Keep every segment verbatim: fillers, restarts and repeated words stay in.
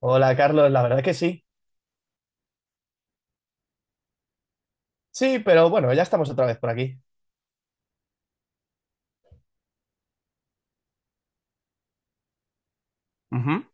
Hola Carlos, la verdad que sí. Sí, pero bueno, ya estamos otra vez por aquí. Ujú.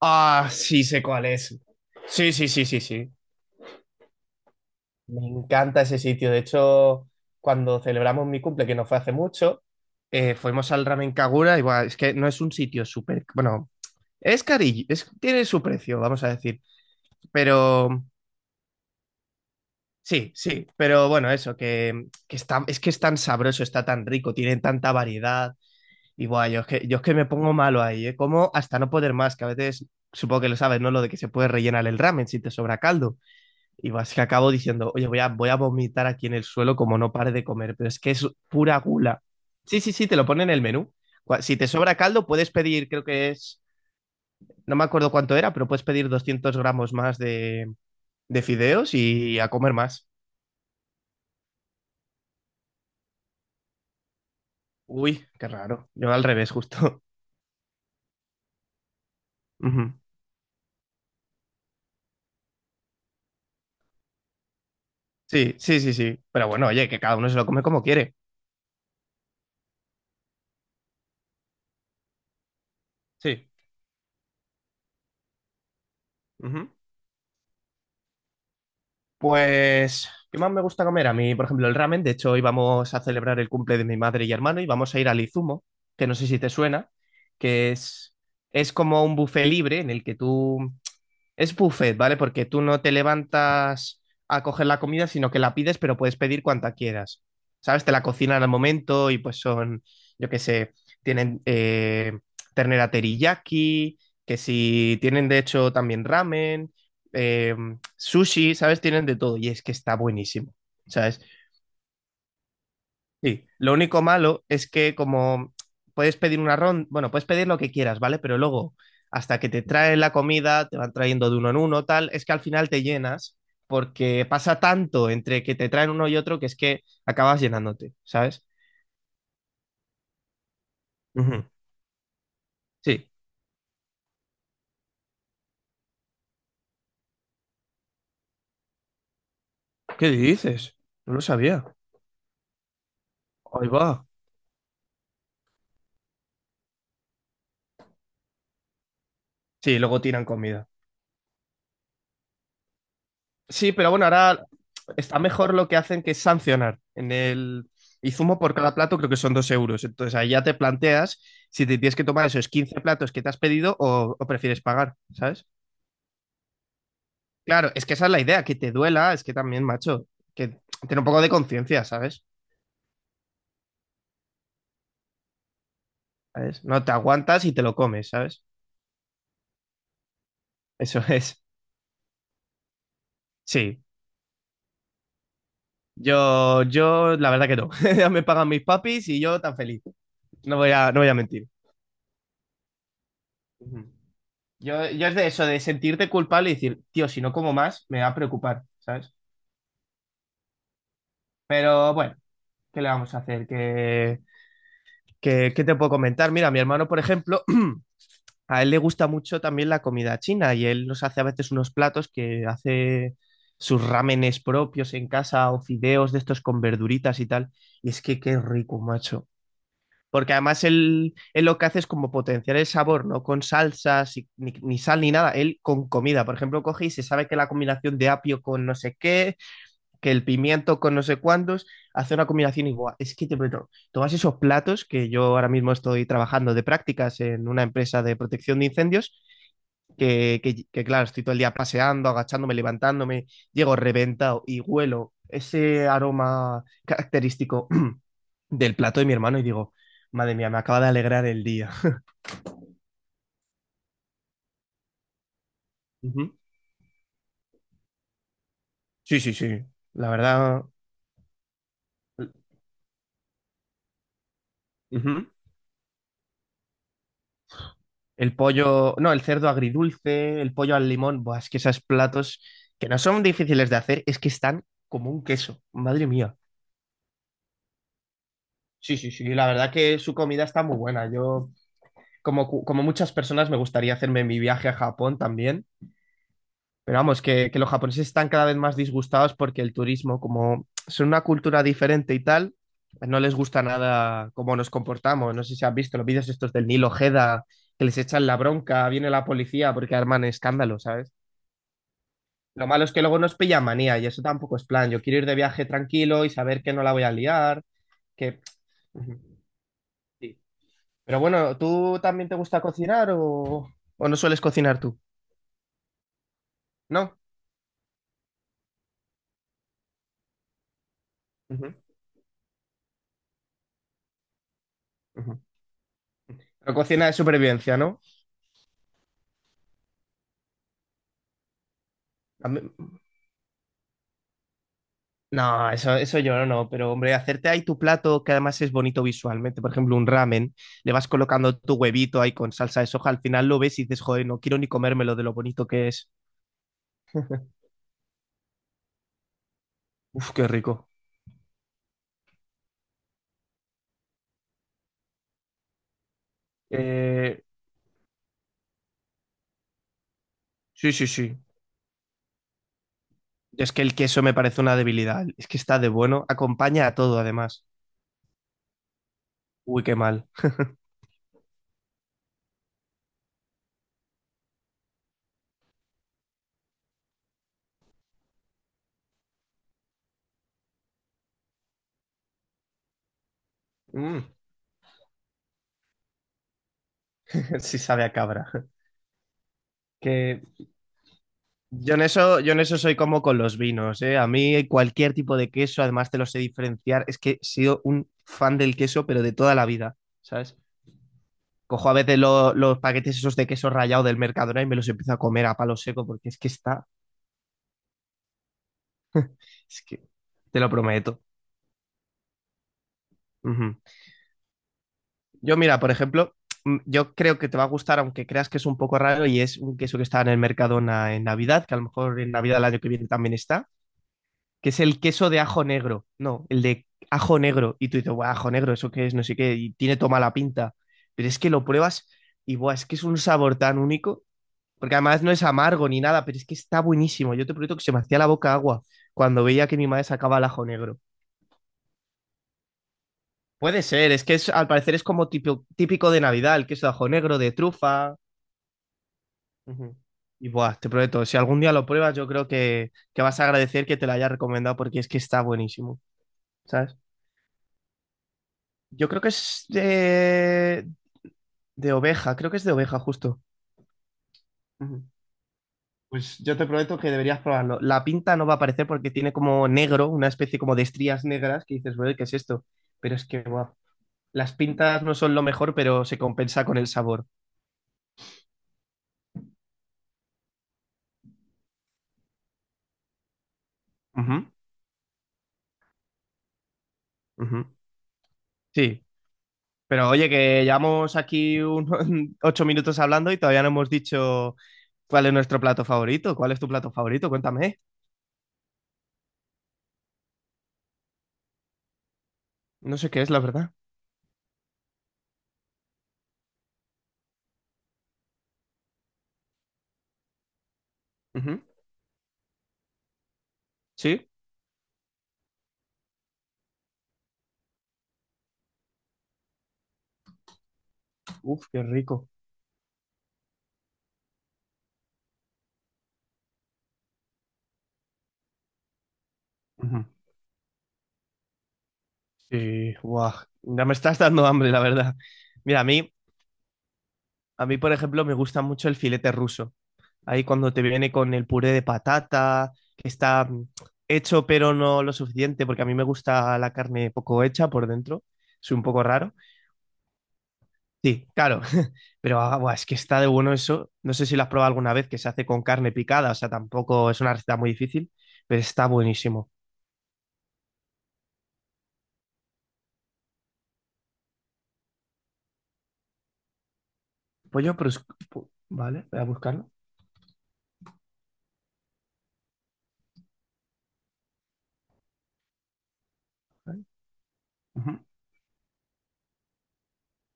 Ah, sí, sé cuál es. Sí, sí, sí, sí, sí. Me encanta ese sitio. De hecho, cuando celebramos mi cumple, que no fue hace mucho, eh, fuimos al Ramen Kagura y buah, es que no es un sitio súper... Bueno, es carillo, es- tiene su precio, vamos a decir. Pero sí, sí, pero bueno, eso, que, que está, es que es tan sabroso, está tan rico, tiene tanta variedad. Y guay, yo es que, yo es que me pongo malo ahí, ¿eh? Como hasta no poder más, que a veces supongo que lo sabes, ¿no? Lo de que se puede rellenar el ramen si te sobra caldo. Y vas que acabo diciendo, oye, voy a, voy a vomitar aquí en el suelo como no pare de comer, pero es que es pura gula. Sí, sí, sí, te lo pone en el menú. Cua- Si te sobra caldo, puedes pedir, creo que es, no me acuerdo cuánto era, pero puedes pedir doscientos gramos más de, de fideos y a comer más. Uy, qué raro. Yo al revés, justo. Ujú. Sí, sí, sí, sí. Pero bueno, oye, que cada uno se lo come como quiere. Sí. Ujú. Pues, ¿qué más me gusta comer? A mí, por ejemplo, el ramen. De hecho, hoy vamos a celebrar el cumple de mi madre y hermano y vamos a ir al Izumo, que no sé si te suena, que es, es como un buffet libre en el que tú es buffet, ¿vale? Porque tú no te levantas a coger la comida, sino que la pides, pero puedes pedir cuanta quieras. ¿Sabes? Te la cocinan al momento y pues son, yo qué sé, tienen eh, ternera teriyaki, que si tienen de hecho también ramen, eh, sushi, ¿sabes? Tienen de todo y es que está buenísimo, ¿sabes? Sí, lo único malo es que como puedes pedir una ronda, bueno, puedes pedir lo que quieras, ¿vale? Pero luego, hasta que te traen la comida, te van trayendo de uno en uno, tal, es que al final te llenas porque pasa tanto entre que te traen uno y otro que es que acabas llenándote, ¿sabes? Ujú. Sí. ¿Qué dices? No lo sabía. Ahí va. Sí, luego tiran comida. Sí, pero bueno, ahora está mejor lo que hacen que es sancionar. En el Izumo por cada plato creo que son dos euros. Entonces ahí ya te planteas si te tienes que tomar esos quince platos que te has pedido o, o prefieres pagar, ¿sabes? Claro, es que esa es la idea, que te duela, es que también, macho, que ten un poco de conciencia, ¿sabes? ¿Sabes? No te aguantas y te lo comes, ¿sabes? Eso es. Sí. Yo, yo, la verdad que no. Ya me pagan mis papis y yo tan feliz. No voy a, no voy a mentir. Ujú. Yo, yo es de eso, de sentirte culpable y decir, tío, si no como más, me va a preocupar, ¿sabes? Pero bueno, ¿qué le vamos a hacer? ¿Qué, ¿qué- qué te puedo comentar? Mira, mi hermano, por ejemplo, a él le gusta mucho también la comida china y él nos hace a veces unos platos que hace sus rámenes propios en casa o fideos de estos con verduritas y tal. Y es que qué rico, macho. Porque además él, él lo que hace es como potenciar el sabor, no con salsas, y- ni, ni sal ni nada, él con comida. Por ejemplo, coge y se sabe que la combinación de apio con no sé qué, que el pimiento con no sé cuántos, hace una combinación igual. Es que te prometo, tomas esos platos que yo ahora mismo estoy trabajando de prácticas en una empresa de protección de incendios, que, que, que, claro, estoy todo el día paseando, agachándome, levantándome, llego reventado y huelo ese aroma característico del plato de mi hermano y digo, madre mía, me acaba de alegrar el día. Ujú. Sí, sí, sí. La verdad, ujú. El pollo, no, el cerdo agridulce, el pollo al limón, buah, es que esos platos que no son difíciles de hacer, es que están como un queso, madre mía. Sí, sí, sí, la verdad que su comida está muy buena. Yo, como, cu- como muchas personas, me gustaría hacerme mi viaje a Japón también. Pero vamos, que, que los japoneses están cada vez más disgustados porque el turismo, como son una cultura diferente y tal, pues no les gusta nada cómo nos comportamos. No sé si has visto los vídeos estos del Nilo Ojeda, que les echan la bronca, viene la policía porque arman escándalo, ¿sabes? Lo malo es que luego nos pilla manía y eso tampoco es plan. Yo quiero ir de viaje tranquilo y saber que no la voy a liar, que... Ujú, sí. Pero bueno, ¿tú también te gusta cocinar o, o no sueles cocinar tú? ¿No? Ujú, ujú. Pero cocina de supervivencia, ¿no? No, eso, eso yo no, pero hombre, hacerte ahí tu plato que además es bonito visualmente, por ejemplo, un ramen, le vas colocando tu huevito ahí con salsa de soja, al final lo ves y dices, joder, no quiero ni comérmelo de lo bonito que es. Uf, qué rico. Eh, sí, sí, sí. Es que el queso me parece una debilidad, es que está de bueno, acompaña a todo además. Uy, qué mal. Mm, sí sabe a cabra. Que yo en eso, yo en eso soy como con los vinos, ¿eh? A mí cualquier tipo de queso, además te lo sé diferenciar. Es que he sido un fan del queso, pero de toda la vida, ¿sabes? Cojo a veces lo- los paquetes esos de queso rallado del Mercadona y me los empiezo a comer a palo seco porque es que está, es que te lo prometo. Ujú. Yo mira, por ejemplo, mm, yo creo que te va a gustar, aunque creas que es un poco raro y es un queso que está en el Mercadona en Navidad, que a lo mejor en Navidad el año que viene también está que es el queso de ajo negro. No, el de ajo negro. Y tú dices, "Buah, ajo negro, ¿eso qué es? No sé qué. Y tiene toda mala pinta. Pero es que lo pruebas y, buah, es que es un sabor tan único. Porque además no es amargo ni nada, pero es que está buenísimo. Yo te prometo que se me hacía la boca agua cuando veía que mi madre sacaba el ajo negro. Puede ser, es que es, al parecer es como típico, típico de Navidad, el queso de ajo negro, de trufa. Ujú. Y buah, te prometo, si algún día lo pruebas, yo creo que, que vas a agradecer que te lo haya recomendado porque es que está buenísimo, ¿sabes? Yo creo que es de, de oveja, creo que es de oveja justo. Ujú. Pues yo te prometo que deberías probarlo. La pinta no va a aparecer porque tiene como negro, una especie como de estrías negras que dices, bueno, ¿qué es esto? Pero es que, guau, las pintas no son lo mejor, pero se compensa con el sabor. Ujú, ujú. Sí, pero oye, que llevamos aquí un- ocho minutos hablando y todavía no hemos dicho cuál es nuestro plato favorito. ¿Cuál es tu plato favorito? Cuéntame. No sé qué es, la verdad. Ujú, ¿sí? Uf, qué rico. Ujú. Sí, guau. Ya me estás dando hambre, la verdad. Mira, a mí, a mí, por ejemplo, me gusta mucho el filete ruso. Ahí cuando te viene con el puré de patata, que está mm, hecho pero no lo suficiente, porque a mí me gusta la carne poco hecha por dentro. Soy un poco raro. Sí, claro. Pero ah, buah, es que está de bueno eso. No sé si lo has probado alguna vez, que se hace con carne picada. O sea, tampoco es una receta muy difícil, pero está buenísimo. Pollo, pero... Vale, voy a buscarlo. Vale. Ujú.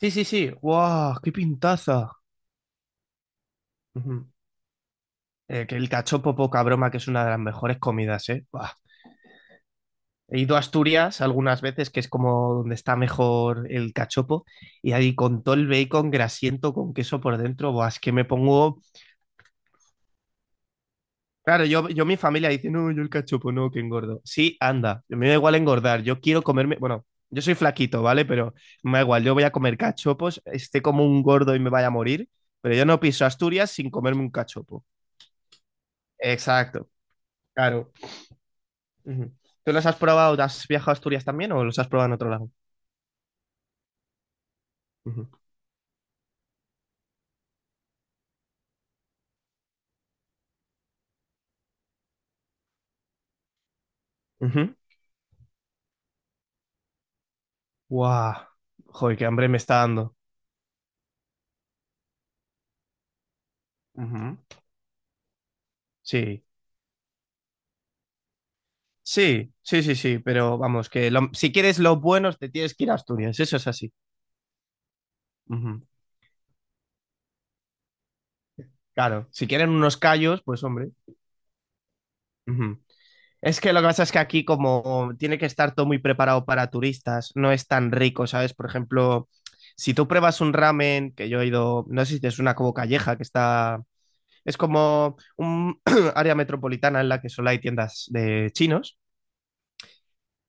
Sí, sí, sí. ¡Guau! ¡Qué pintaza! Ujú. Eh, que el cachopo, poca broma, que es una de las mejores comidas, ¿eh? Buah. He ido a Asturias algunas veces, que es como donde está mejor el cachopo, y ahí con todo el bacon grasiento con queso por dentro, buah, es que me pongo... Claro, yo, yo mi familia dice, no, yo el cachopo, no, que engordo. Sí, anda, a mí me da igual engordar, yo quiero comerme... Bueno, yo soy flaquito, ¿vale? Pero me da igual, yo voy a comer cachopos, esté como un gordo y me vaya a morir, pero yo no piso Asturias sin comerme un cachopo. Exacto, claro. Ujú. ¿Tú los has probado? ¿Has viajado a Asturias también o los has probado en otro lado? Ujú. Ujú. Guau. Joder, qué hambre me está dando. Ujú. Sí. Sí, sí, sí, sí, pero vamos, que lo- si quieres los buenos te tienes que ir a Asturias, eso es así. Ujú. Claro, si quieren unos callos, pues hombre. Ujú. Es que lo que pasa es que aquí como tiene que estar todo muy preparado para turistas, no es tan rico, ¿sabes? Por ejemplo, si tú pruebas un ramen, que yo he ido, no sé si es una como calleja que está. Es como un área metropolitana en la que solo hay tiendas de chinos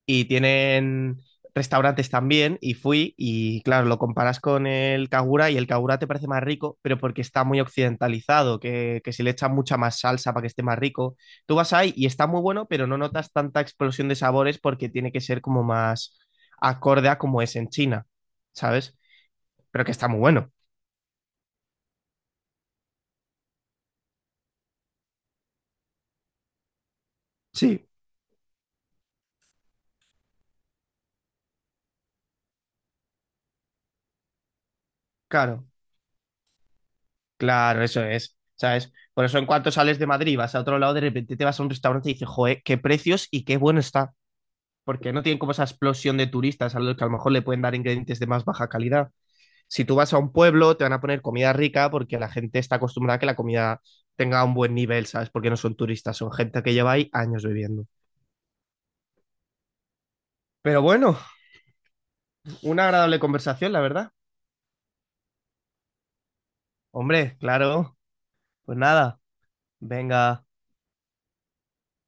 y tienen restaurantes también y fui y claro, lo comparas con el Kagura y el Kagura te parece más rico, pero porque está muy occidentalizado, que, que se le echa mucha más salsa para que esté más rico. Tú vas ahí y está muy bueno, pero no notas tanta explosión de sabores porque tiene que ser como más acorde a como es en China, ¿sabes? Pero que está muy bueno. Sí, claro. Claro, eso es, ¿sabes? Por eso en cuanto sales de Madrid, vas a otro lado, de repente te vas a un restaurante y dices, joder, qué precios y qué bueno está. Porque no tienen como esa explosión de turistas a los que a lo mejor le pueden dar ingredientes de más baja calidad. Si tú vas a un pueblo, te van a poner comida rica porque la gente está acostumbrada a que la comida tenga un buen nivel, ¿sabes? Porque no son turistas, son gente que lleva ahí años viviendo. Pero bueno, una agradable conversación, la verdad. Hombre, claro. Pues nada, venga.